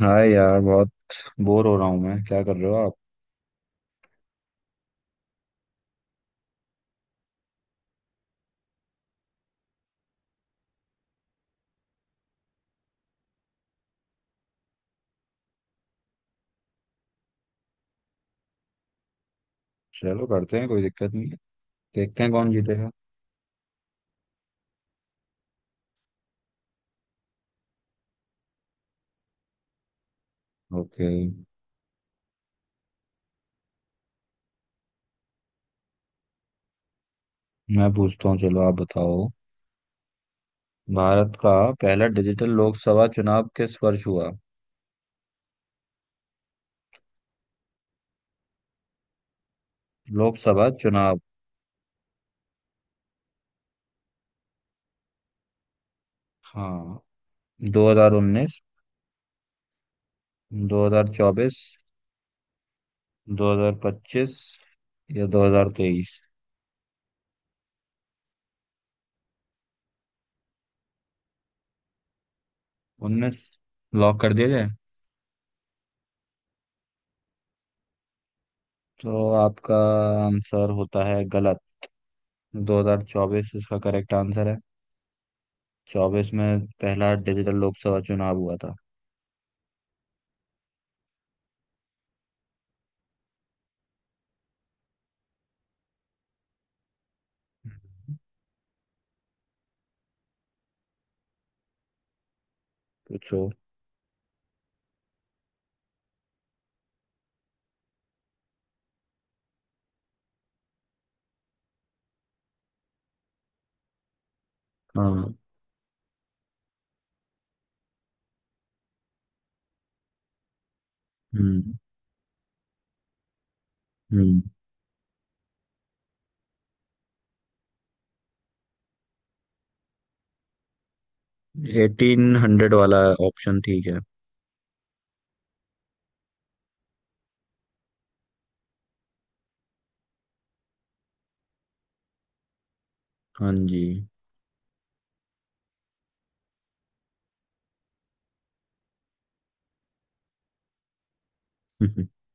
हाँ यार, बहुत बोर हो रहा हूँ मैं। क्या कर रहे हो आप? चलो करते हैं, कोई दिक्कत नहीं है। देखते हैं कौन जीतेगा। ओके, मैं पूछता हूँ, चलो आप बताओ। भारत का पहला डिजिटल लोकसभा चुनाव किस वर्ष हुआ? लोकसभा चुनाव, हाँ। 2019, 2024, 2025 या 2023। उन्नीस लॉक कर दिया जाए? तो आपका आंसर होता है गलत। 2024 इसका करेक्ट आंसर है। चौबीस में पहला डिजिटल लोकसभा चुनाव हुआ था। पूछो। हाँ। हम्म, हम्म, 1800 वाला ऑप्शन ठीक है। हाँ जी।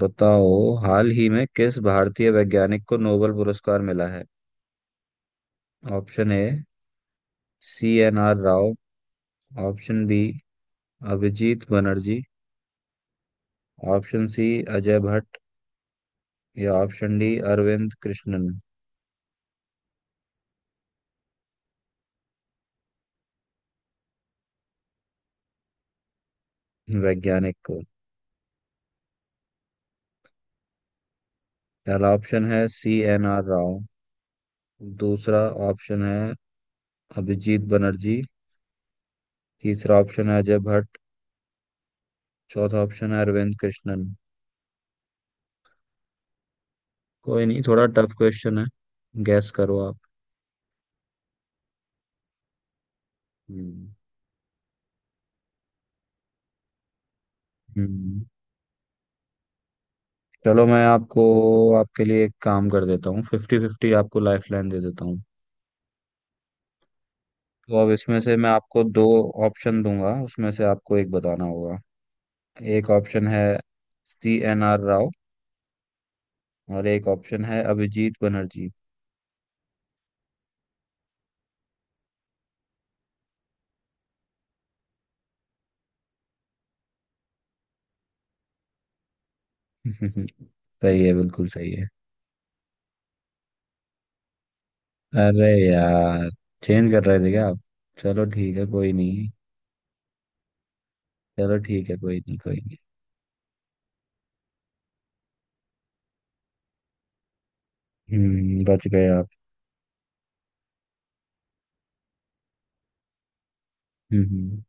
बताओ। हाल ही में किस भारतीय वैज्ञानिक को नोबेल पुरस्कार मिला है? Option A, C N R Rao. Option B, Abhijit Banerjee. Option C, Ajay Bhatt. या ऑप्शन डी, अरविंद कृष्णन। वैज्ञानिक को पहला ऑप्शन है सी एन आर राव। दूसरा ऑप्शन है अभिजीत बनर्जी। तीसरा ऑप्शन है अजय भट्ट। चौथा ऑप्शन है अरविंद कृष्णन। कोई नहीं, थोड़ा टफ क्वेश्चन है। गैस करो आप। हम्म, हम्म। चलो मैं आपको आपके लिए एक काम कर देता हूँ। फिफ्टी फिफ्टी आपको लाइफ लाइन दे देता हूँ। तो अब इसमें से मैं आपको दो ऑप्शन दूंगा, उसमें से आपको एक बताना होगा। एक ऑप्शन है सी एन आर राव और एक ऑप्शन है अभिजीत बनर्जी। सही है, बिल्कुल सही है। अरे यार, चेंज कर रहे थे क्या आप? चलो ठीक है, कोई नहीं। चलो ठीक है, कोई नहीं, कोई नहीं। हम्म, बच गए आप। हम्म,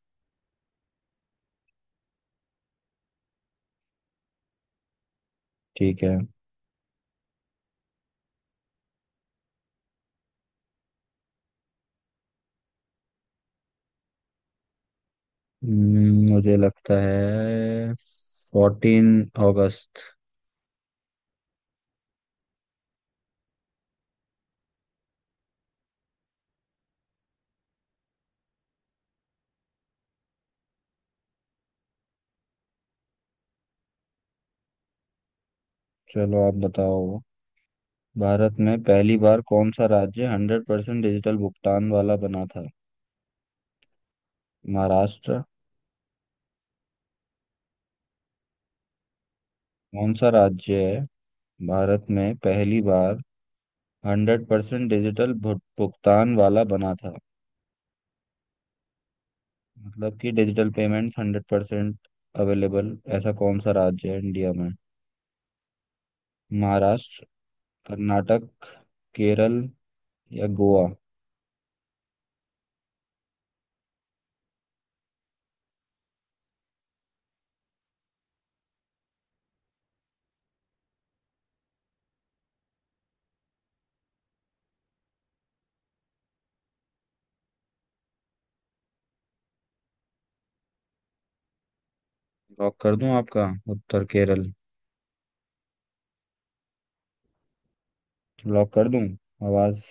ठीक है। मुझे लगता है 14 अगस्त। चलो आप बताओ। भारत में पहली बार कौन सा राज्य 100% डिजिटल भुगतान वाला बना था? महाराष्ट्र? कौन सा राज्य है? भारत में पहली बार हंड्रेड परसेंट डिजिटल भुगतान वाला बना था। मतलब कि digital payments hundred percent available, ऐसा कौन सा राज्य है इंडिया में? महाराष्ट्र, कर्नाटक, केरल या गोवा। लॉक कर दूं आपका उत्तर केरल? लॉक कर दूं? आवाज।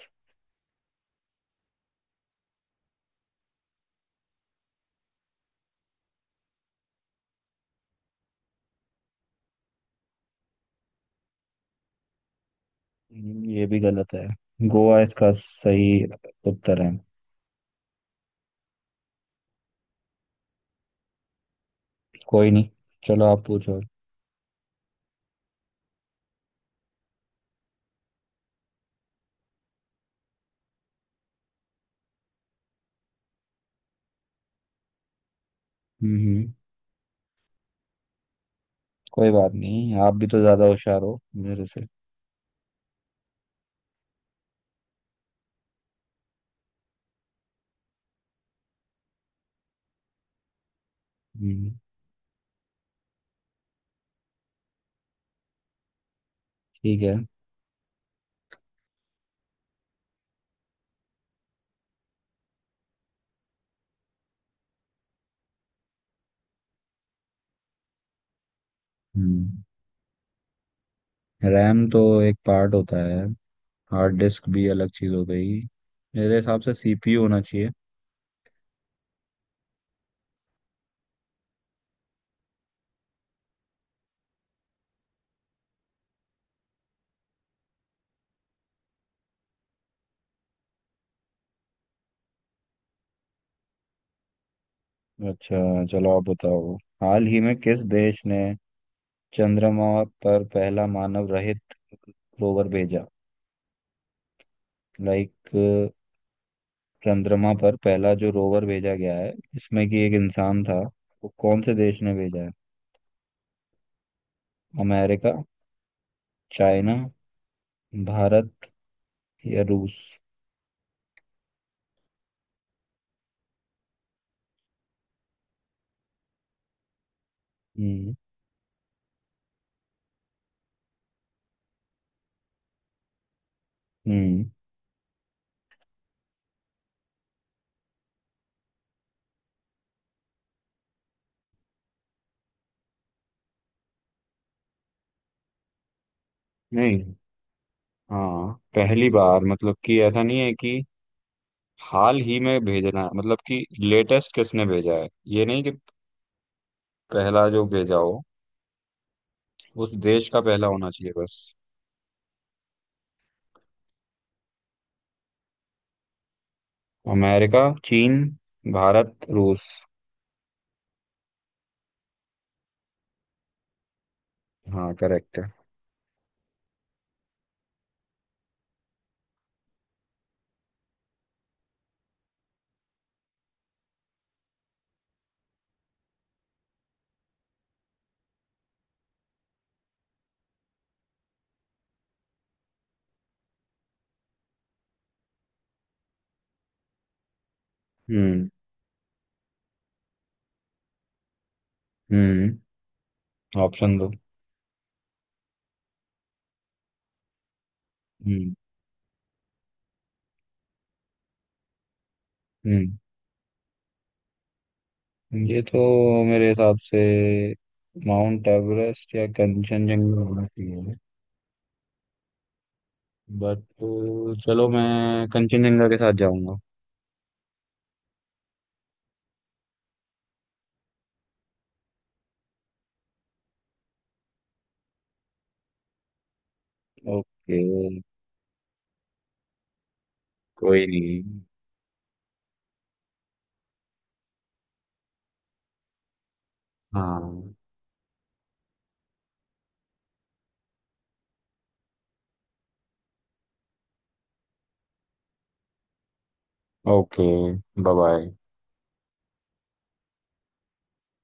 ये भी गलत है। गोवा इसका सही उत्तर है। कोई नहीं, चलो आप पूछो। हम्म, कोई बात नहीं। आप भी तो ज्यादा होशियार हो मेरे से। हम्म। ठीक है। हम्म। रैम तो एक पार्ट होता है। हार्ड डिस्क भी अलग चीज हो गई। मेरे हिसाब से सीपीयू होना चाहिए। अच्छा, चलो आप बताओ। हाल ही में किस देश ने चंद्रमा पर पहला मानव रहित रोवर भेजा? लाइक, चंद्रमा पर पहला जो रोवर भेजा गया है इसमें कि एक इंसान था, वो कौन से देश ने भेजा है? अमेरिका, चाइना, भारत या रूस? हम्म, हम्म, नहीं। हाँ, पहली बार मतलब कि ऐसा नहीं है कि हाल ही में भेजना है। मतलब कि लेटेस्ट किसने भेजा है ये नहीं, कि पहला जो भेजा हो उस देश का पहला होना चाहिए बस। अमेरिका, चीन, भारत, रूस। हाँ, करेक्ट है। हम्म, हम्म, ऑप्शन दो। हम्म, हम्म, ये तो मेरे हिसाब से माउंट एवरेस्ट या कंचनजंगा होना चाहिए। बट चलो मैं कंचनजंगा के साथ जाऊंगा। ओके। कोई नहीं। हाँ। Okay, bye bye.